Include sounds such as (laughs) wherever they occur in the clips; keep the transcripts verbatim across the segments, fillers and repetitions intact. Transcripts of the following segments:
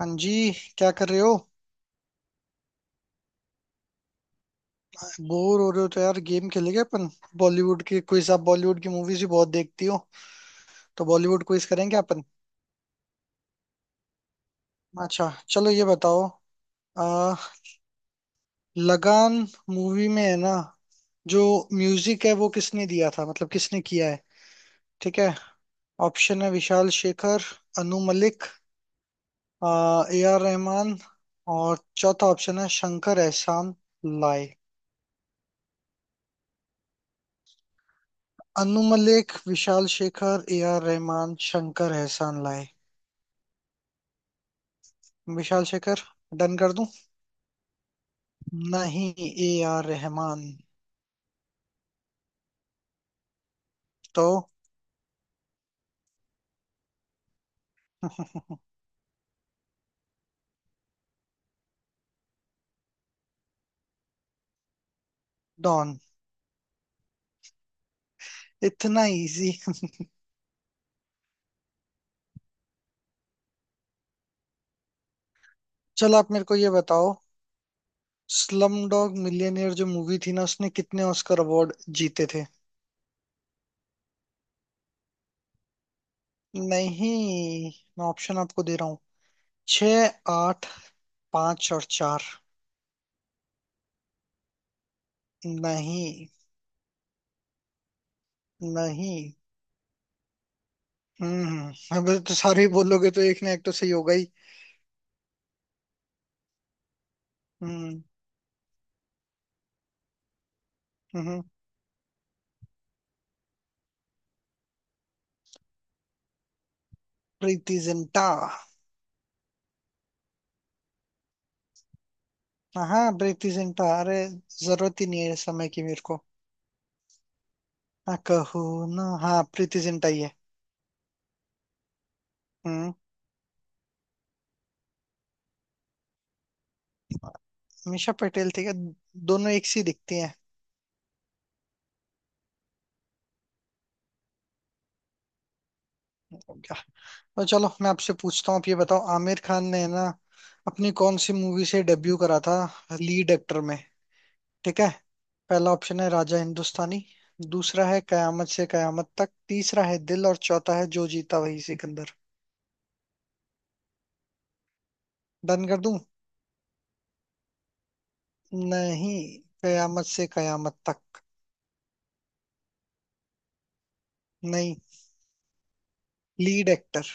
हाँ जी। क्या कर रहे हो? बोर हो रहे हो तो यार गेम खेलेंगे अपन। बॉलीवुड की क्विज, आप बॉलीवुड की मूवीज ही बहुत देखती हो तो बॉलीवुड क्विज करेंगे अपन। अच्छा चलो ये बताओ, आ, लगान मूवी में है ना, जो म्यूजिक है वो किसने दिया था, मतलब किसने किया है? ठीक है। ऑप्शन है विशाल शेखर, अनु मलिक, ए आर रहमान, और चौथा ऑप्शन है Shankar Ehsaan Loy. Anu Malik, Vishal Shekhar, A R Rahman, Shankar Ehsaan Loy. Vishal Shekhar. Done कर दूं? नहीं, ए आर रहमान। तो? डॉन। इतना इजी? चलो आप मेरे को ये बताओ, स्लम डॉग मिलियनेयर जो मूवी थी ना, उसने कितने ऑस्कर अवार्ड जीते थे? नहीं, मैं ऑप्शन आपको दे रहा हूँ। छ, आठ, पांच और चार। नहीं। नहीं। हम्म, अबे तो सारे ही बोलोगे तो एक ना एक तो सही होगा ही। हम्म। हम्म। प्रीति जिंटा। हाँ प्रीति जिंटा अरे, जरूरत ही नहीं है इस समय की मेरे को। हाँ कहू ना, हाँ प्रीति जिंटा ही है। हम्म। मीशा पटेल ठीक है, दोनों एक सी दिखती हैं। क्या। तो चलो मैं आपसे पूछता हूँ, आप ये बताओ, आमिर खान ने ना अपनी कौन सी मूवी से डेब्यू करा था, लीड एक्टर में? ठीक है। पहला ऑप्शन है राजा हिंदुस्तानी, दूसरा है कयामत से कयामत तक, तीसरा है दिल, और चौथा है जो जीता वही सिकंदर। डन कर दूं? नहीं, कयामत से कयामत तक। नहीं, लीड एक्टर।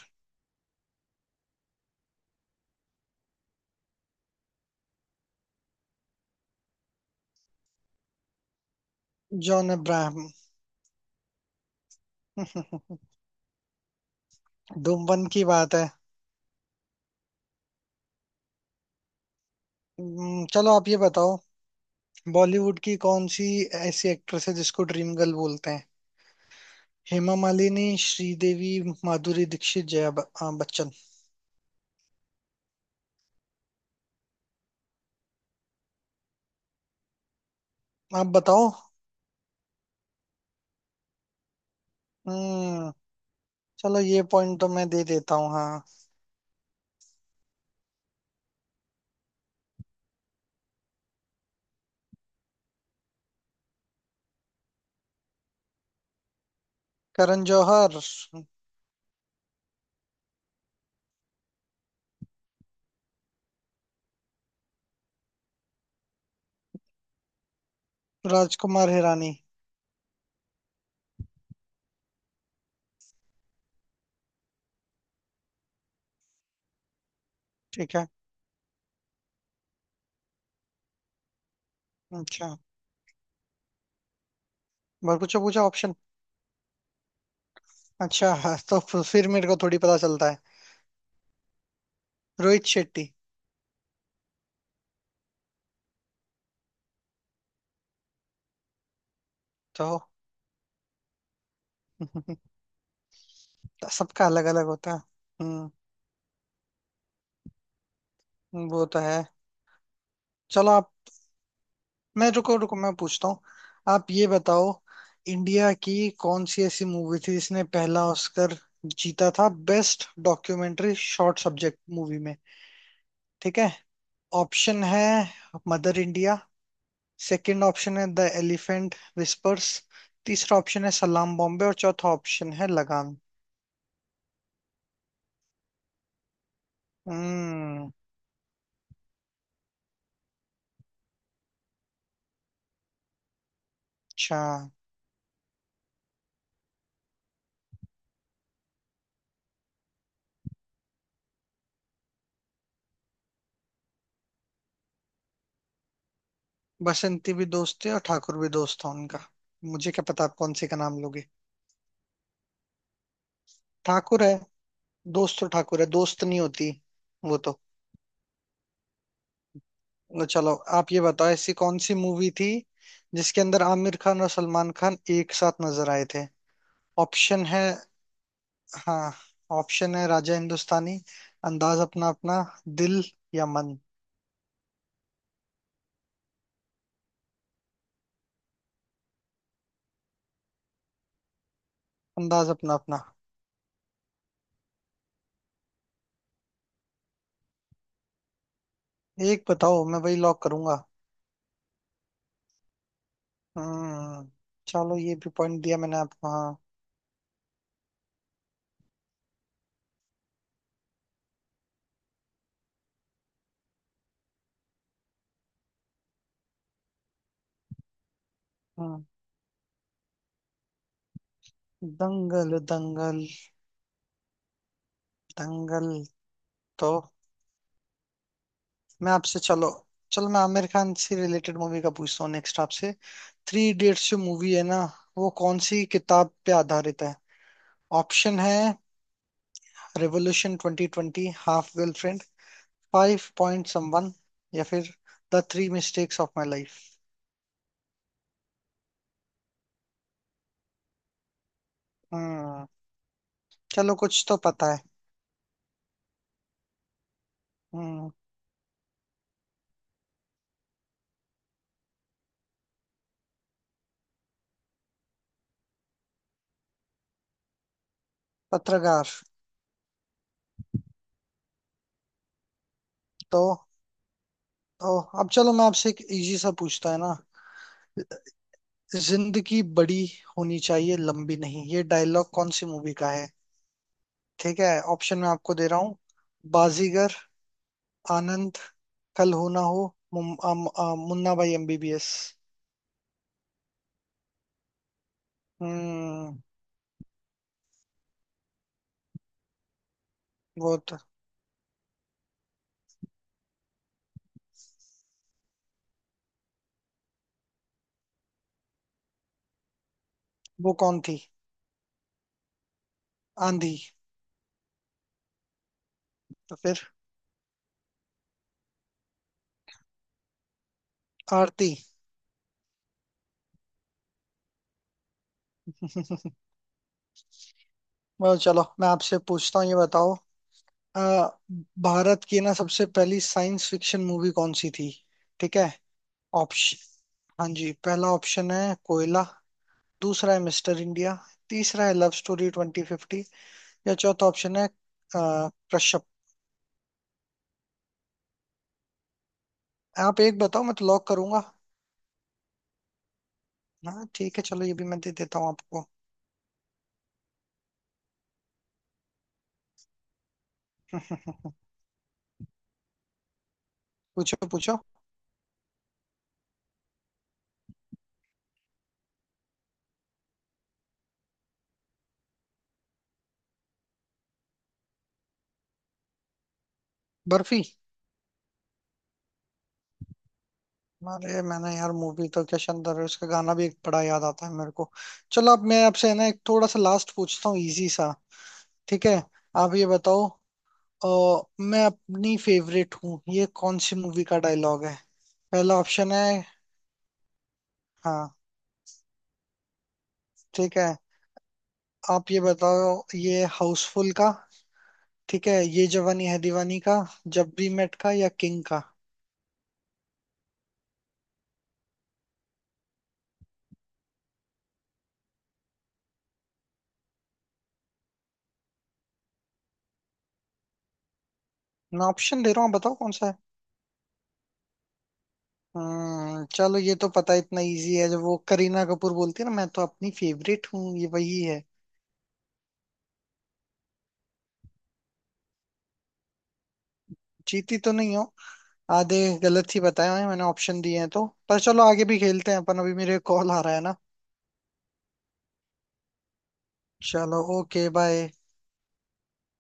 जॉन अब्राहम। (laughs) डुम्बन की बात है। हम्म, चलो आप ये बताओ, बॉलीवुड की कौन सी ऐसी एक्ट्रेस है जिसको ड्रीम गर्ल बोलते हैं? हेमा मालिनी, श्रीदेवी, माधुरी दीक्षित, जया ब- आ, बच्चन आप बताओ। हम्म। चलो ये पॉइंट तो मैं दे देता हूँ। हाँ। करण जौहर। राजकुमार हिरानी। ठीक है। अच्छा। और कुछ पूछा ऑप्शन? अच्छा। (laughs) हाँ, तो फ- फिर मेरे को थोड़ी पता चलता है। रोहित शेट्टी। तो (laughs) सबका अलग अलग होता है। हम्म। वो तो है। चलो आप। मैं रुको रुको, मैं पूछता हूँ। आप ये बताओ, इंडिया की कौन सी ऐसी मूवी थी जिसने पहला ऑस्कर जीता था, best documentary short subject movie में? ठीक है। ऑप्शन है मदर इंडिया, सेकंड ऑप्शन है द एलिफेंट विस्पर्स, तीसरा ऑप्शन है सलाम बॉम्बे, और चौथा ऑप्शन है लगान। हम्म। अच्छा। बसंती भी दोस्त है और ठाकुर भी दोस्त था उनका। मुझे क्या पता आप कौन से का नाम लोगे। ठाकुर है, दोस्त तो ठाकुर है, दोस्त नहीं होती। वो तो। तो चलो आप ये बताओ, ऐसी कौन सी मूवी थी जिसके अंदर आमिर खान और सलमान खान एक साथ नजर आए थे? ऑप्शन है। हाँ, ऑप्शन है राजा हिंदुस्तानी, अंदाज अपना अपना, दिल, या मन। अंदाज अपना अपना। एक बताओ मैं वही लॉक करूंगा। हम्म। चलो ये भी पॉइंट दिया मैंने आपको। हाँ। हम्म, दंगल। दंगल दंगल। तो? मैं आपसे चलो, चलो मैं आमिर खान से रिलेटेड मूवी का पूछता हूँ नेक्स्ट आपसे। थ्री इडियट्स जो मूवी है ना, वो कौन सी किताब पे आधारित है? ऑप्शन है revolution twenty twenty, half girlfriend, five point someone, या फिर the three mistakes of my life. हम्म। चलो कुछ तो पता है। हम्म। पत्रकार। तो। तो अब चलो मैं आपसे एक इजी सा पूछता है ना। जिंदगी बड़ी होनी चाहिए, लंबी नहीं, ये डायलॉग कौन सी मूवी का है? ठीक है। ऑप्शन मैं आपको दे रहा हूँ। बाजीगर, आनंद, कल हो ना हो, मुम- अम- अ, मुन्ना भाई एमबीबीएस। हम्म। वो तो। वो कौन थी? आंधी। तो फिर? आरती। (laughs) और चलो मैं आपसे पूछता हूँ, ये बताओ, अ, भारत की ना सबसे पहली साइंस फिक्शन मूवी कौन सी थी? ठीक है। ऑप्शन। हाँ जी, पहला ऑप्शन है कोयला, दूसरा है मिस्टर इंडिया, तीसरा है लव स्टोरी ट्वेंटी फिफ्टी, या चौथा ऑप्शन है अ, कश्यप। आप एक बताओ मैं तो लॉक करूंगा। हाँ ठीक है, चलो ये भी मैं दे देता हूँ आपको। (laughs) पूछो पूछो। बर्फी। अरे मैंने यार, मूवी तो क्या शानदार है, उसका गाना भी एक बड़ा याद आता है मेरे को। चलो अब मैं आपसे है ना एक थोड़ा सा लास्ट पूछता हूँ, इजी सा। ठीक है। आप ये बताओ, अ, मैं अपनी फेवरेट हूँ, ये कौन सी मूवी का डायलॉग है? पहला ऑप्शन है। हाँ ठीक है। आप ये बताओ, ये हाउसफुल का, ठीक है, ये जवानी है दीवानी का, जब वी मेट का, या किंग का? मैं ऑप्शन दे रहा हूँ, आप बताओ कौन सा है। हम्म। चलो ये तो पता, इतना इजी है, जब वो करीना कपूर बोलती है ना मैं तो अपनी फेवरेट हूँ, ये वही है। जीती तो नहीं हो। आधे गलत ही बताए हैं मैंने, ऑप्शन दिए हैं तो, पर चलो आगे भी खेलते हैं अपन, अभी मेरे कॉल आ रहा है ना। चलो ओके बाय।